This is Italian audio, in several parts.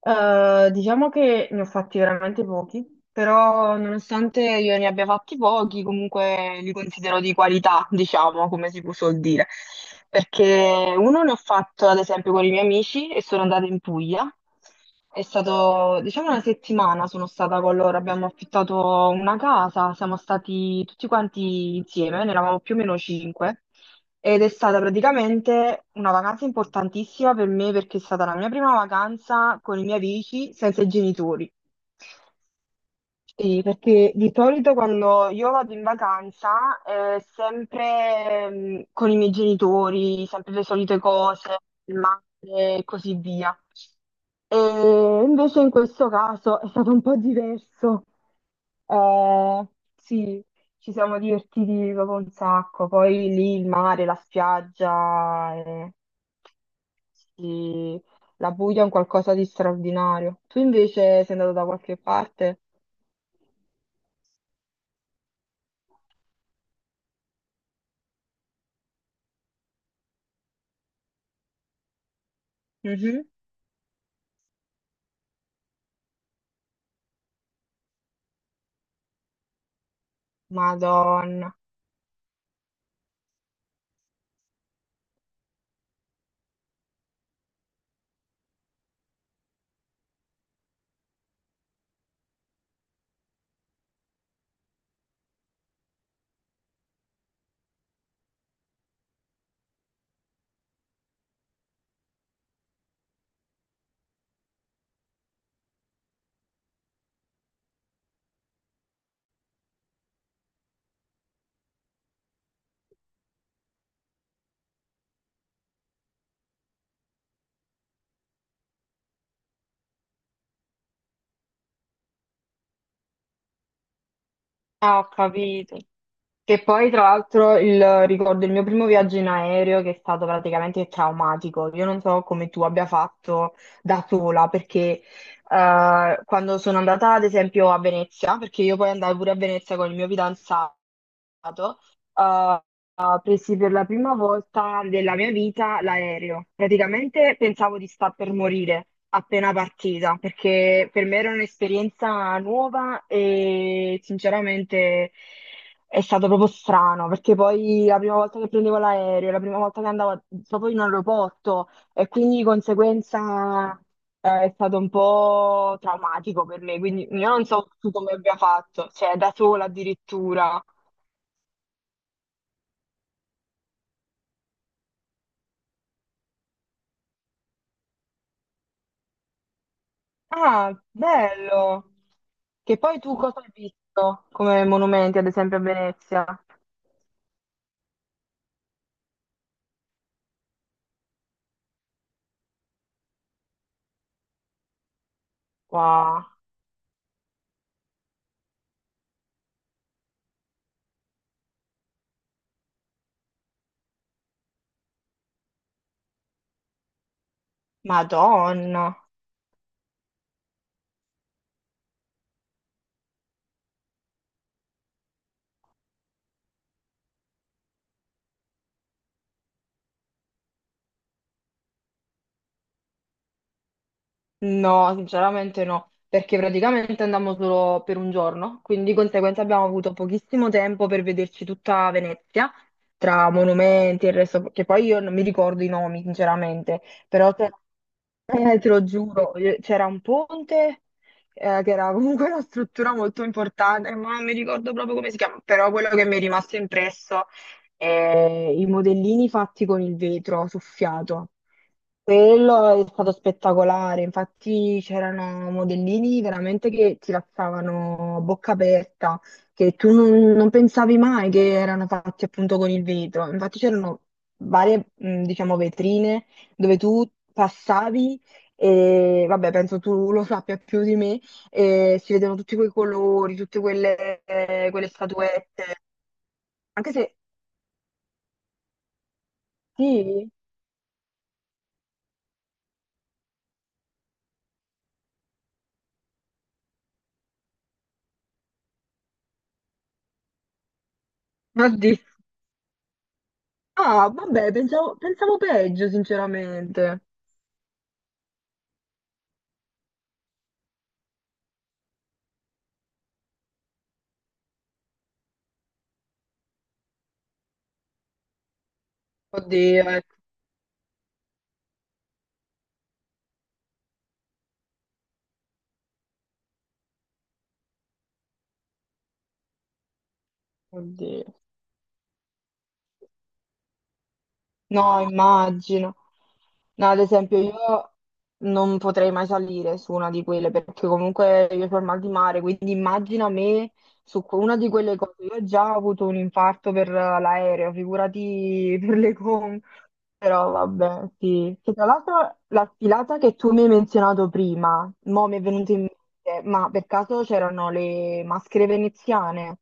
Diciamo che ne ho fatti veramente pochi, però nonostante io ne abbia fatti pochi, comunque li considero di qualità, diciamo, come si suol dire. Perché uno ne ho fatto ad esempio con i miei amici e sono andata in Puglia. È stato, diciamo, una settimana sono stata con loro, abbiamo affittato una casa, siamo stati tutti quanti insieme, ne eravamo più o meno cinque. Ed è stata praticamente una vacanza importantissima per me perché è stata la mia prima vacanza con i miei amici senza i genitori. Sì, perché di solito quando io vado in vacanza, sempre con i miei genitori, sempre le solite cose, il mare e così via. E invece in questo caso è stato un po' diverso. Eh, sì, ci siamo divertiti proprio un sacco. Poi lì il mare, la spiaggia, sì, la Puglia è un qualcosa di straordinario. Tu invece sei andato da qualche parte? Mhm. Madonna. Ah, ho capito. Che poi, tra l'altro, ricordo il mio primo viaggio in aereo che è stato praticamente traumatico. Io non so come tu abbia fatto da sola, perché quando sono andata, ad esempio, a Venezia, perché io poi andavo pure a Venezia con il mio fidanzato, eh, presi per la prima volta della mia vita l'aereo. Praticamente pensavo di sta per morire appena partita, perché per me era un'esperienza nuova e sinceramente. È stato proprio strano, perché poi la prima volta che prendevo l'aereo, la prima volta che andavo proprio in aeroporto e quindi di conseguenza è stato un po' traumatico per me, quindi io non so tu come abbia fatto, cioè da sola addirittura. Ah, bello! Che poi tu cosa hai visto come monumenti, ad esempio a Venezia? Wow, Madonna! No, sinceramente no, perché praticamente andammo solo per un giorno, quindi di conseguenza abbiamo avuto pochissimo tempo per vederci tutta Venezia, tra monumenti e il resto, che poi io non mi ricordo i nomi, sinceramente, però c'erano te lo giuro, c'era un ponte che era comunque una struttura molto importante, ma non mi ricordo proprio come si chiama, però quello che mi è rimasto impresso è i modellini fatti con il vetro soffiato. Quello è stato spettacolare, infatti c'erano modellini veramente che ti lasciavano a bocca aperta, che tu non pensavi mai che erano fatti appunto con il vetro. Infatti c'erano varie, diciamo, vetrine dove tu passavi. E vabbè, penso tu lo sappia più di me. E si vedono tutti quei colori, tutte quelle, quelle statuette. Anche se sì, oddio. Ah, vabbè, pensavo, pensavo peggio, sinceramente. Oddio, ecco, oddio. No, immagino. No, ad esempio io non potrei mai salire su una di quelle perché comunque io ho il mal di mare, quindi immagina me su una di quelle cose. Io ho già avuto un infarto per l'aereo, figurati per le con. Però vabbè, sì. Che tra l'altro la sfilata che tu mi hai menzionato prima, mo mi è venuto in mente, ma per caso c'erano le maschere veneziane?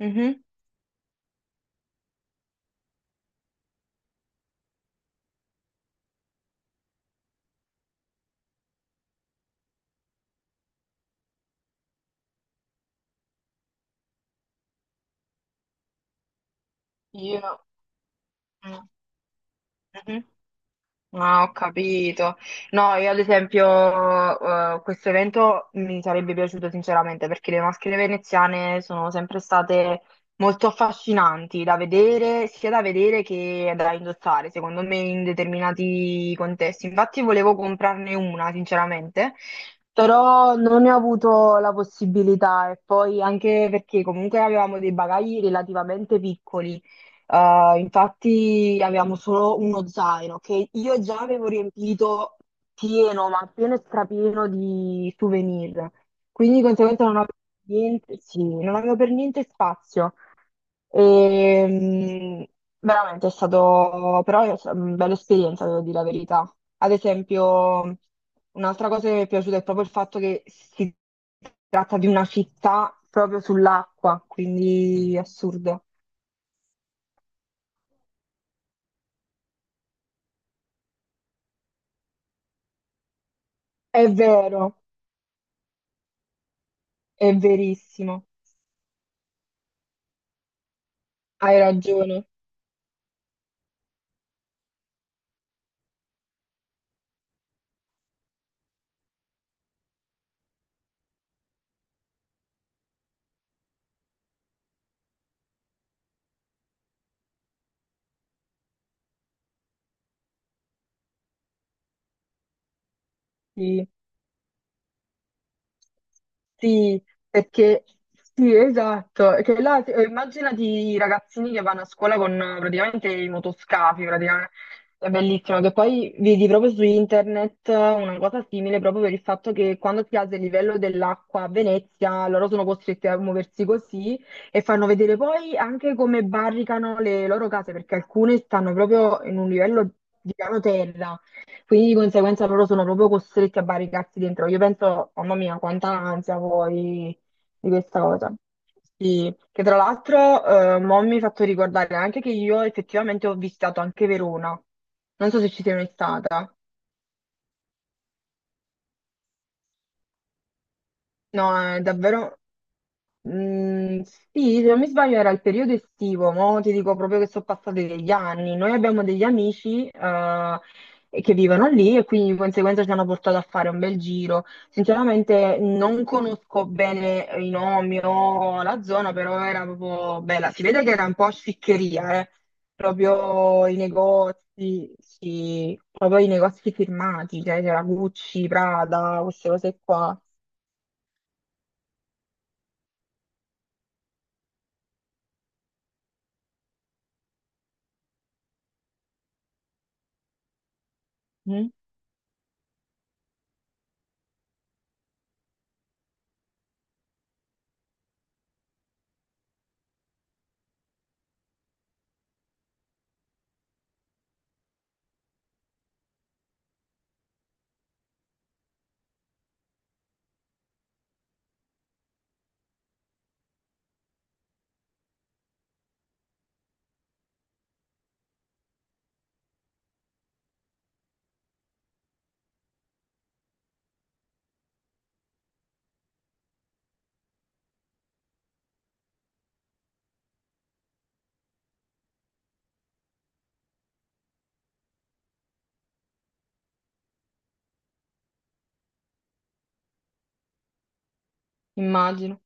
Mhm. Io no. Mm. Mhm. Ah, ho capito. No, io ad esempio, questo evento mi sarebbe piaciuto sinceramente perché le maschere veneziane sono sempre state molto affascinanti da vedere, sia da vedere che da indossare, secondo me, in determinati contesti. Infatti volevo comprarne una, sinceramente, però non ne ho avuto la possibilità e poi anche perché comunque avevamo dei bagagli relativamente piccoli. Infatti avevamo solo uno zaino che io già avevo riempito pieno, ma pieno e strapieno di souvenir. Quindi di conseguenza non avevo niente, sì, non avevo per niente spazio. E, veramente è stato però è stata una bella esperienza, devo dire la verità. Ad esempio, un'altra cosa che mi è piaciuta è proprio il fatto che si tratta di una città proprio sull'acqua, quindi assurdo. È vero, è verissimo, hai ragione, sì, sì, perché sì, esatto, che là, immaginati i ragazzini che vanno a scuola con praticamente i motoscafi, praticamente, è bellissimo, che poi vedi proprio su internet una cosa simile proprio per il fatto che quando si alza il livello dell'acqua a Venezia, loro sono costretti a muoversi così e fanno vedere poi anche come barricano le loro case, perché alcune stanno proprio in un livello di piano terra. Quindi di conseguenza loro sono proprio costretti a barricarsi dentro. Io penso, mamma mia, quanta ansia poi di questa cosa. Sì, che tra l'altro mo mi hai fatto ricordare anche che io effettivamente ho visitato anche Verona. Non so se ci sei mai stata. No, è davvero. Mm, sì, se non mi sbaglio era il periodo estivo, mo ti dico proprio che sono passati degli anni. Noi abbiamo degli amici che vivono lì e quindi di conseguenza ci hanno portato a fare un bel giro. Sinceramente non conosco bene i nomi o la zona, però era proprio bella. Si vede che era un po' sciccheria, eh. Proprio i negozi, sì, proprio i negozi firmati, cioè c'era Gucci, Prada, queste cose qua. Mm, immagino.